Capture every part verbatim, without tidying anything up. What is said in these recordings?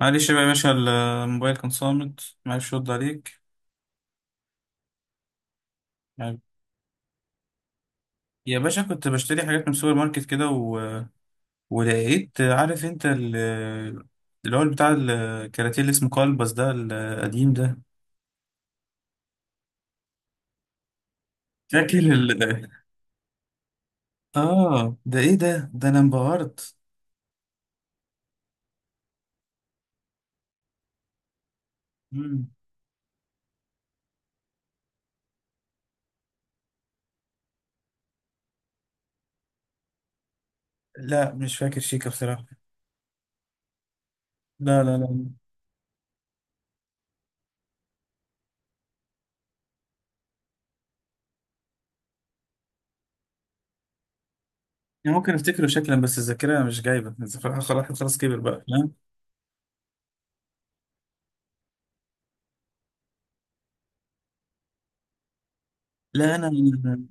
معلش بقى يا باشا، الموبايل كان صامت، معلش رد عليك. يعني، يا باشا كنت بشتري حاجات من السوبر ماركت كده و... ولقيت عارف انت ال... اللي هو بتاع الكراتيه اللي اسمه كلبس ده القديم ده. فاكر ال... اه ده ايه ده؟ ده انا انبهرت. مم. لا مش فاكر شيكا بصراحة. لا لا لا. يعني ممكن افتكره شكلا، بس الذاكرة مش جايبة، الذاكرة، خلاص خلاص كبر بقى. لا لا، انا لا.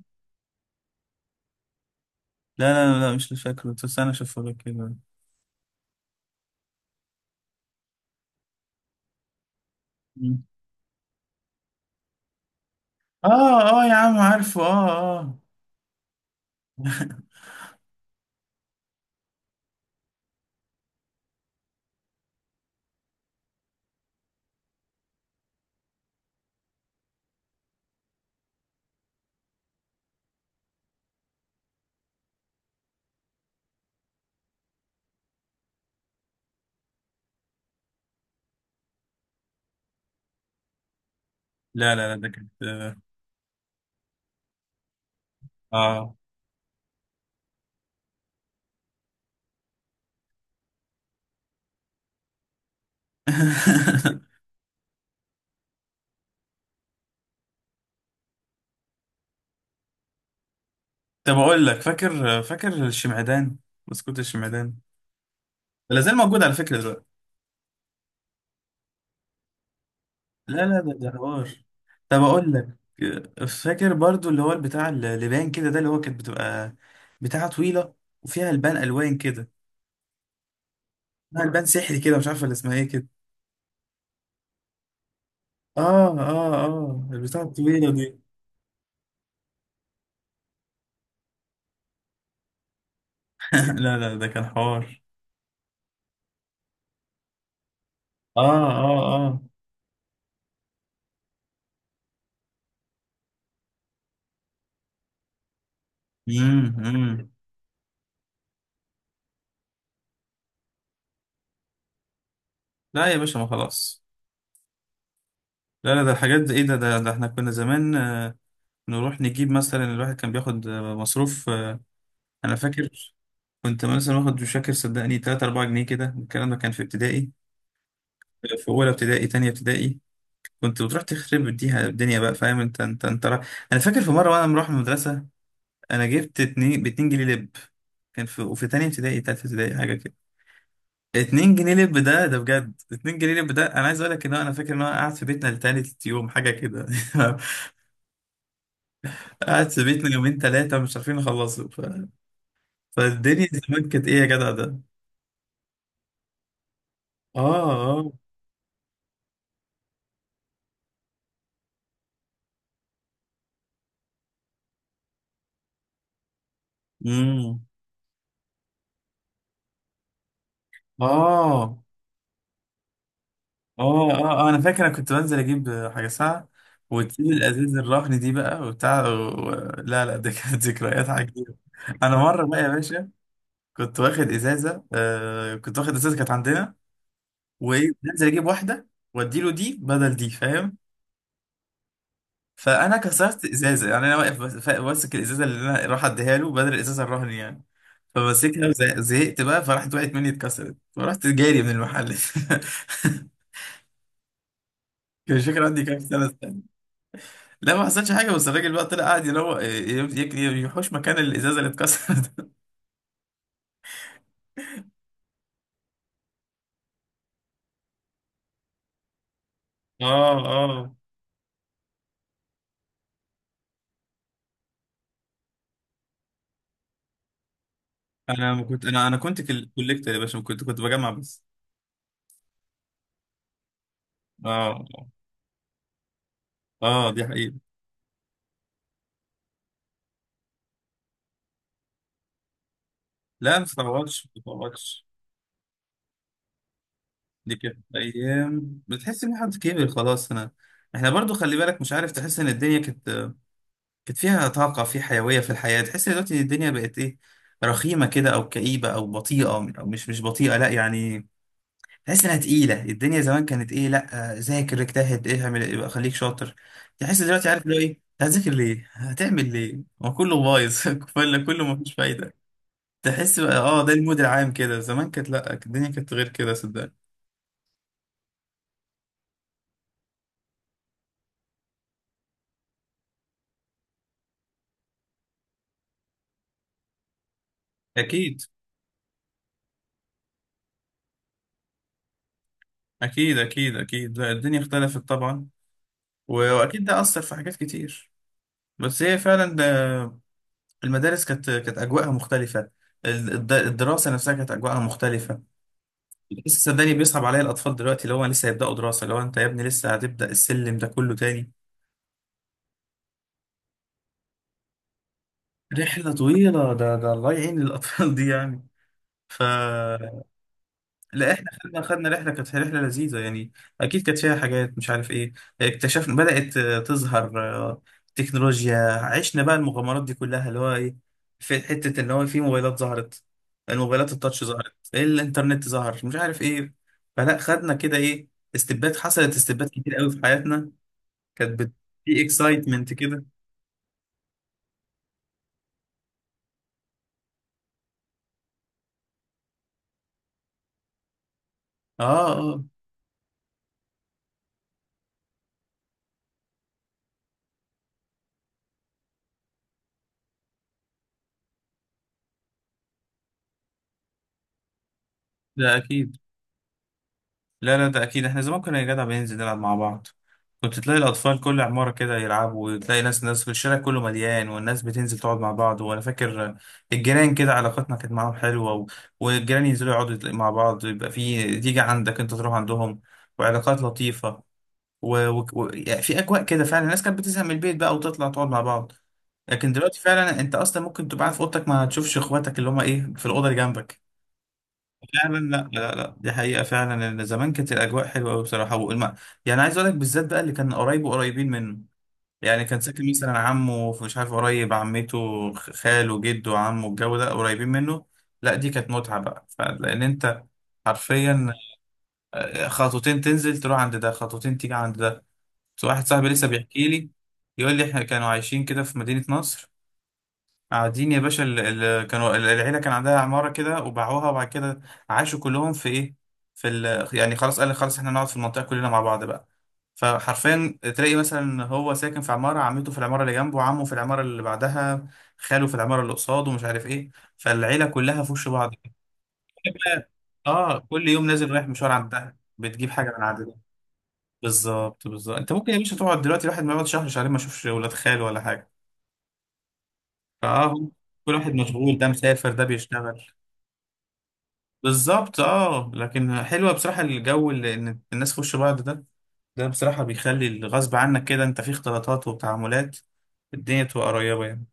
لا لا، لا مش فاكره، بس انا اشوفه لك كده. اه اه يا عم، عارفه، اه اه. لا لا لا ده كانت، اه. طب اقول لك، فاكر فاكر الشمعدان، بسكوت الشمعدان ده، لازال موجود على فكرة دلوقتي. لا لا ده ده حوار. طب اقول لك، فاكر برضو اللي هو البتاع اللي باين كده، ده اللي هو كانت بتبقى بتاعة طويلة، وفيها البان الوان كده، فيها البان سحري كده، مش عارفه اللي اسمها ايه كده. اه اه اه، البتاعة الطويلة دي. لا لا ده كان حوار. اه اه اه. امم. لا يا باشا ما خلاص. لا لا ده الحاجات دي ايه ده. ده, ده احنا كنا زمان، آه، نروح نجيب مثلا، الواحد كان بياخد آه، مصروف آه، انا فاكر. كنت مثلا واخد، مش فاكر صدقني، ثلاثة اربعة جنيه كده، الكلام ده كان في ابتدائي، آه، في اولى ابتدائي، تانية ابتدائي، كنت بتروح تخرب بيها الدنيا بقى، فاهم؟ انت انت انت را... انا فاكر في مره وانا مروح من المدرسه، انا جبت اتنين ب اتنين جنيه لب، كان في وفي تانية ابتدائي، تالتة ابتدائي حاجه كده، اتنين جنيه لب ده، ده بجد اتنين جنيه لب ده. انا عايز اقول لك ان هو، انا فاكر ان انا قاعد في بيتنا لتالت يوم حاجه كده. قعد في بيتنا يومين ثلاثة مش عارفين نخلصه. ف... فالدنيا زمان كانت ايه يا جدع ده. اه اه. امم. اه اه اه. آه، انا فاكر انا كنت بنزل اجيب حاجة ساعة، وتسيب الازاز الرهن دي بقى وبتاع و... لا لا ده كانت ذكريات عجيبة. انا مرة بقى يا باشا، كنت واخد ازازة، آه كنت واخد ازازة كانت عندنا، وايه بنزل اجيب واحدة واديله دي بدل دي، فاهم. فانا كسرت ازازه، يعني انا واقف بس- ماسك الازازه اللي انا راح اديها له بدل الازازه الرهن يعني، فمسكها وزهقت بقى، فراحت وقعت مني اتكسرت، فرحت جاري من المحل. كان، مش فاكر عندي كام سنه، سنة. لا ما حصلش حاجه، بس الراجل بقى طلع قاعد يلو ي- ي- يحوش مكان الازازه اللي اتكسرت. اه اه. انا ما كنت، انا انا كنت كل- كوليكتور يا باشا، كنت كنت بجمع بس. اه اه، دي حقيقه. لا ما تتعوضش ما تتعوضش. دي كانت ايام، بتحس ان حد كبر خلاص انا. احنا برضو خلي بالك، مش عارف، تحس ان الدنيا كانت، كانت فيها طاقه، في حيويه، في الحياه، تحس إن دلوقتي الدنيا بقت ايه، رخيمه كده او كئيبه او بطيئه، او مش مش بطيئه، لا يعني، تحس انها تقيله. الدنيا زمان كانت ايه؟ لا، آه، ذاكر اجتهد، ايه اعمل، يبقى خليك شاطر. تحس دلوقتي، عارف، لو ايه هتذاكر؟ ليه هتعمل؟ ليه؟ هو كله بايظ، كله كله مفيش فايده. تحس بقى، اه، ده المود العام كده. زمان كانت، لا، الدنيا كانت غير كده صدقني. اكيد أكيد أكيد أكيد. لا الدنيا اختلفت طبعا، و- وأكيد ده أثر في حاجات كتير، بس هي فعلا، آه، المدارس كانت كانت أجواءها مختلفة. ال- الد- الدراسة نفسها كانت أجواءها مختلفة. لسه صدقني بيصعب عليا الأطفال دلوقتي، اللي هو لسه هيبدأوا دراسة، اللي هو أنت يا ابني لسه هتبدأ السلم ده كله تاني. رحلة طويلة، ده ده الله يعين الأطفال دي يعني. ف لا احنا خدنا، خدنا رحله كانت رحله لذيذه يعني، اكيد كانت فيها حاجات مش عارف ايه، اكتشفنا، بدات آه، تظهر آه، تكنولوجيا عشنا بقى المغامرات دي كلها اللي هو ايه، في حته ان هو في موبايلات ظهرت، الموبايلات التاتش ظهرت، الانترنت ظهر، مش عارف ايه. فلا خدنا كده ايه، استبات حصلت، استبات كتير قوي في حياتنا، كانت بت... في اكسايتمنت كده. اه اه ده اكيد. لا لا ده اكيد، احنا زمان كنا يا جدع بننزل نلعب مع بعض، كنت تلاقي الاطفال كل عماره كده يلعبوا، وتلاقي ناس ناس في الشارع كله مليان، والناس بتنزل تقعد مع بعض، وانا فاكر الجيران كده علاقتنا كانت معاهم حلوه و... والجيران ينزلوا يقعدوا يتلا- مع بعض، يبقى في تيجي عندك انت تروح عندهم، وعلاقات لطيفه و... و... و... يعني في اجواء كده فعلا، الناس كانت بتزهق من البيت بقى وتطلع تقعد مع بعض. لكن دلوقتي فعلا انت اصلا ممكن تبقى قاعد في اوضتك ما تشوفش اخواتك اللي هم ايه في الاوضه اللي جنبك. لا لا لا لا لا، دي حقيقة فعلا، ان زمان كانت الأجواء حلوة أوي بصراحة. والم... يعني عايز أقول لك بالذات بقى، اللي كان قريب وقريبين منه، يعني كان ساكن مثلا عمه في مش عارف قريب، عمته، خ- خاله جده، عمه، الجو ده قريبين منه. لا دي كانت متعة بقى، ف... لأن أنت حرفيا خطوتين تنزل تروح عند ده، خطوتين تيجي عند ده. بس واحد صاحبي لسه بيحكي لي، يقول لي إحنا كانوا عايشين كده في مدينة نصر، قاعدين يا باشا، ال- ال- كانوا ال- العيلة كان عندها عمارة كده، وباعوها، وبعد كده عاشوا كلهم في ايه، في ال يعني خلاص قال لك، خلاص احنا نقعد في المنطقة كلنا مع بعض بقى. فحرفيا تلاقي مثلا هو ساكن في عمارة، عمته في العمارة اللي جنبه، عمه في العمارة اللي بعدها، خاله في العمارة اللي قصاده، ومش عارف ايه، فالعيلة كلها في وش بعض. اه كل يوم نازل رايح مشوار عندها، بتجيب حاجة من عندها. بالظبط بالظبط، انت ممكن يا باشا تقعد دلوقتي الواحد ما يقعد شهر شهرين ما يشوفش ولاد خاله ولا حاجة، فاه، كل واحد مشغول، ده مسافر، ده بيشتغل. بالظبط اه، لكن حلوه بصراحه، الجو اللي ان الناس في وش بعض ده، ده بصراحه بيخلي الغصب عنك كده انت في اختلاطات وتعاملات، الدنيا تبقى قريبه يعني.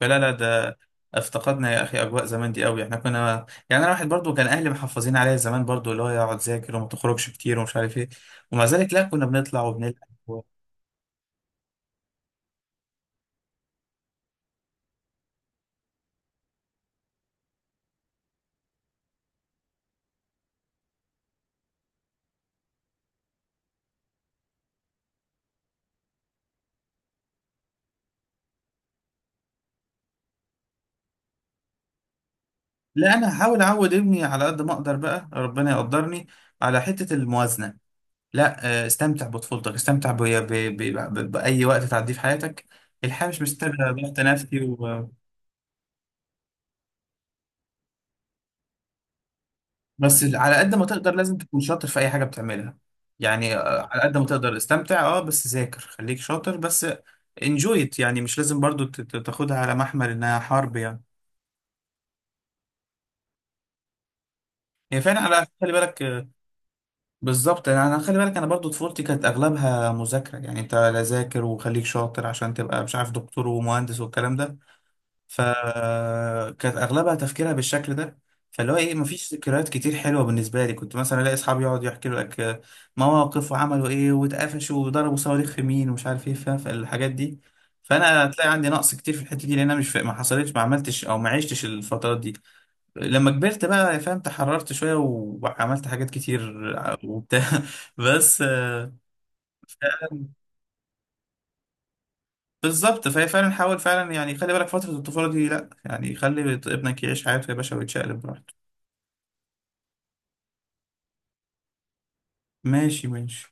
فلا لا ده افتقدنا يا اخي اجواء زمان دي قوي. احنا كنا يعني، انا واحد برضو كان اهلي محافظين عليا زمان برضو، اللي هو يقعد ذاكر وما تخرجش كتير ومش عارف ايه، ومع ذلك لا كنا بنطلع وبنلعب. و- لا انا هحاول اعود ابني على قد ما اقدر بقى، ربنا يقدرني على حته الموازنه. لا آه، استمتع بطفولتك، استمتع ب... ب... ب... ب... بأي وقت تعديه في حياتك. الحياة مش مستاهلة ضغط نفسي و... بس على قد ما تقدر لازم تكون شاطر في أي حاجة بتعملها. يعني آه، على قد ما تقدر استمتع، اه، بس ذاكر، خليك شاطر بس، انجويت، يعني مش لازم برضو ت- ت- تاخدها على محمل إنها حرب يعني. هي فعلا، على خلي بالك، آه، بالظبط يعني أنا خلي بالك أنا برضو طفولتي كانت أغلبها مذاكرة، يعني أنت لا، ذاكر وخليك شاطر عشان تبقى مش عارف دكتور ومهندس والكلام ده، فكانت اغلبها تفكيرها بالشكل ده. فاللي هو ايه، مفيش ذكريات كتير حلوه بالنسبه لي، كنت مثلا الاقي اصحابي يقعدوا يحكوا لك مواقف وعملوا ايه واتقفشوا وضربوا صواريخ في مين ومش عارف ايه، فاهم، فالحاجات دي فانا هتلاقي عندي نقص كتير في الحته دي لان انا مش فا- ما حصلتش ما عملتش او ما عشتش الفترات دي. لما كبرت بقى، فاهم، تحررت شويه وعملت حاجات كتير وبتاع. بس آه، بالظبط فهي فعلا، حاول فعلا يعني خلي بالك فترة الطفولة دي، لا يعني خلي ابنك يعيش حياته يا باشا ويتشقلب براحته. ماشي ماشي.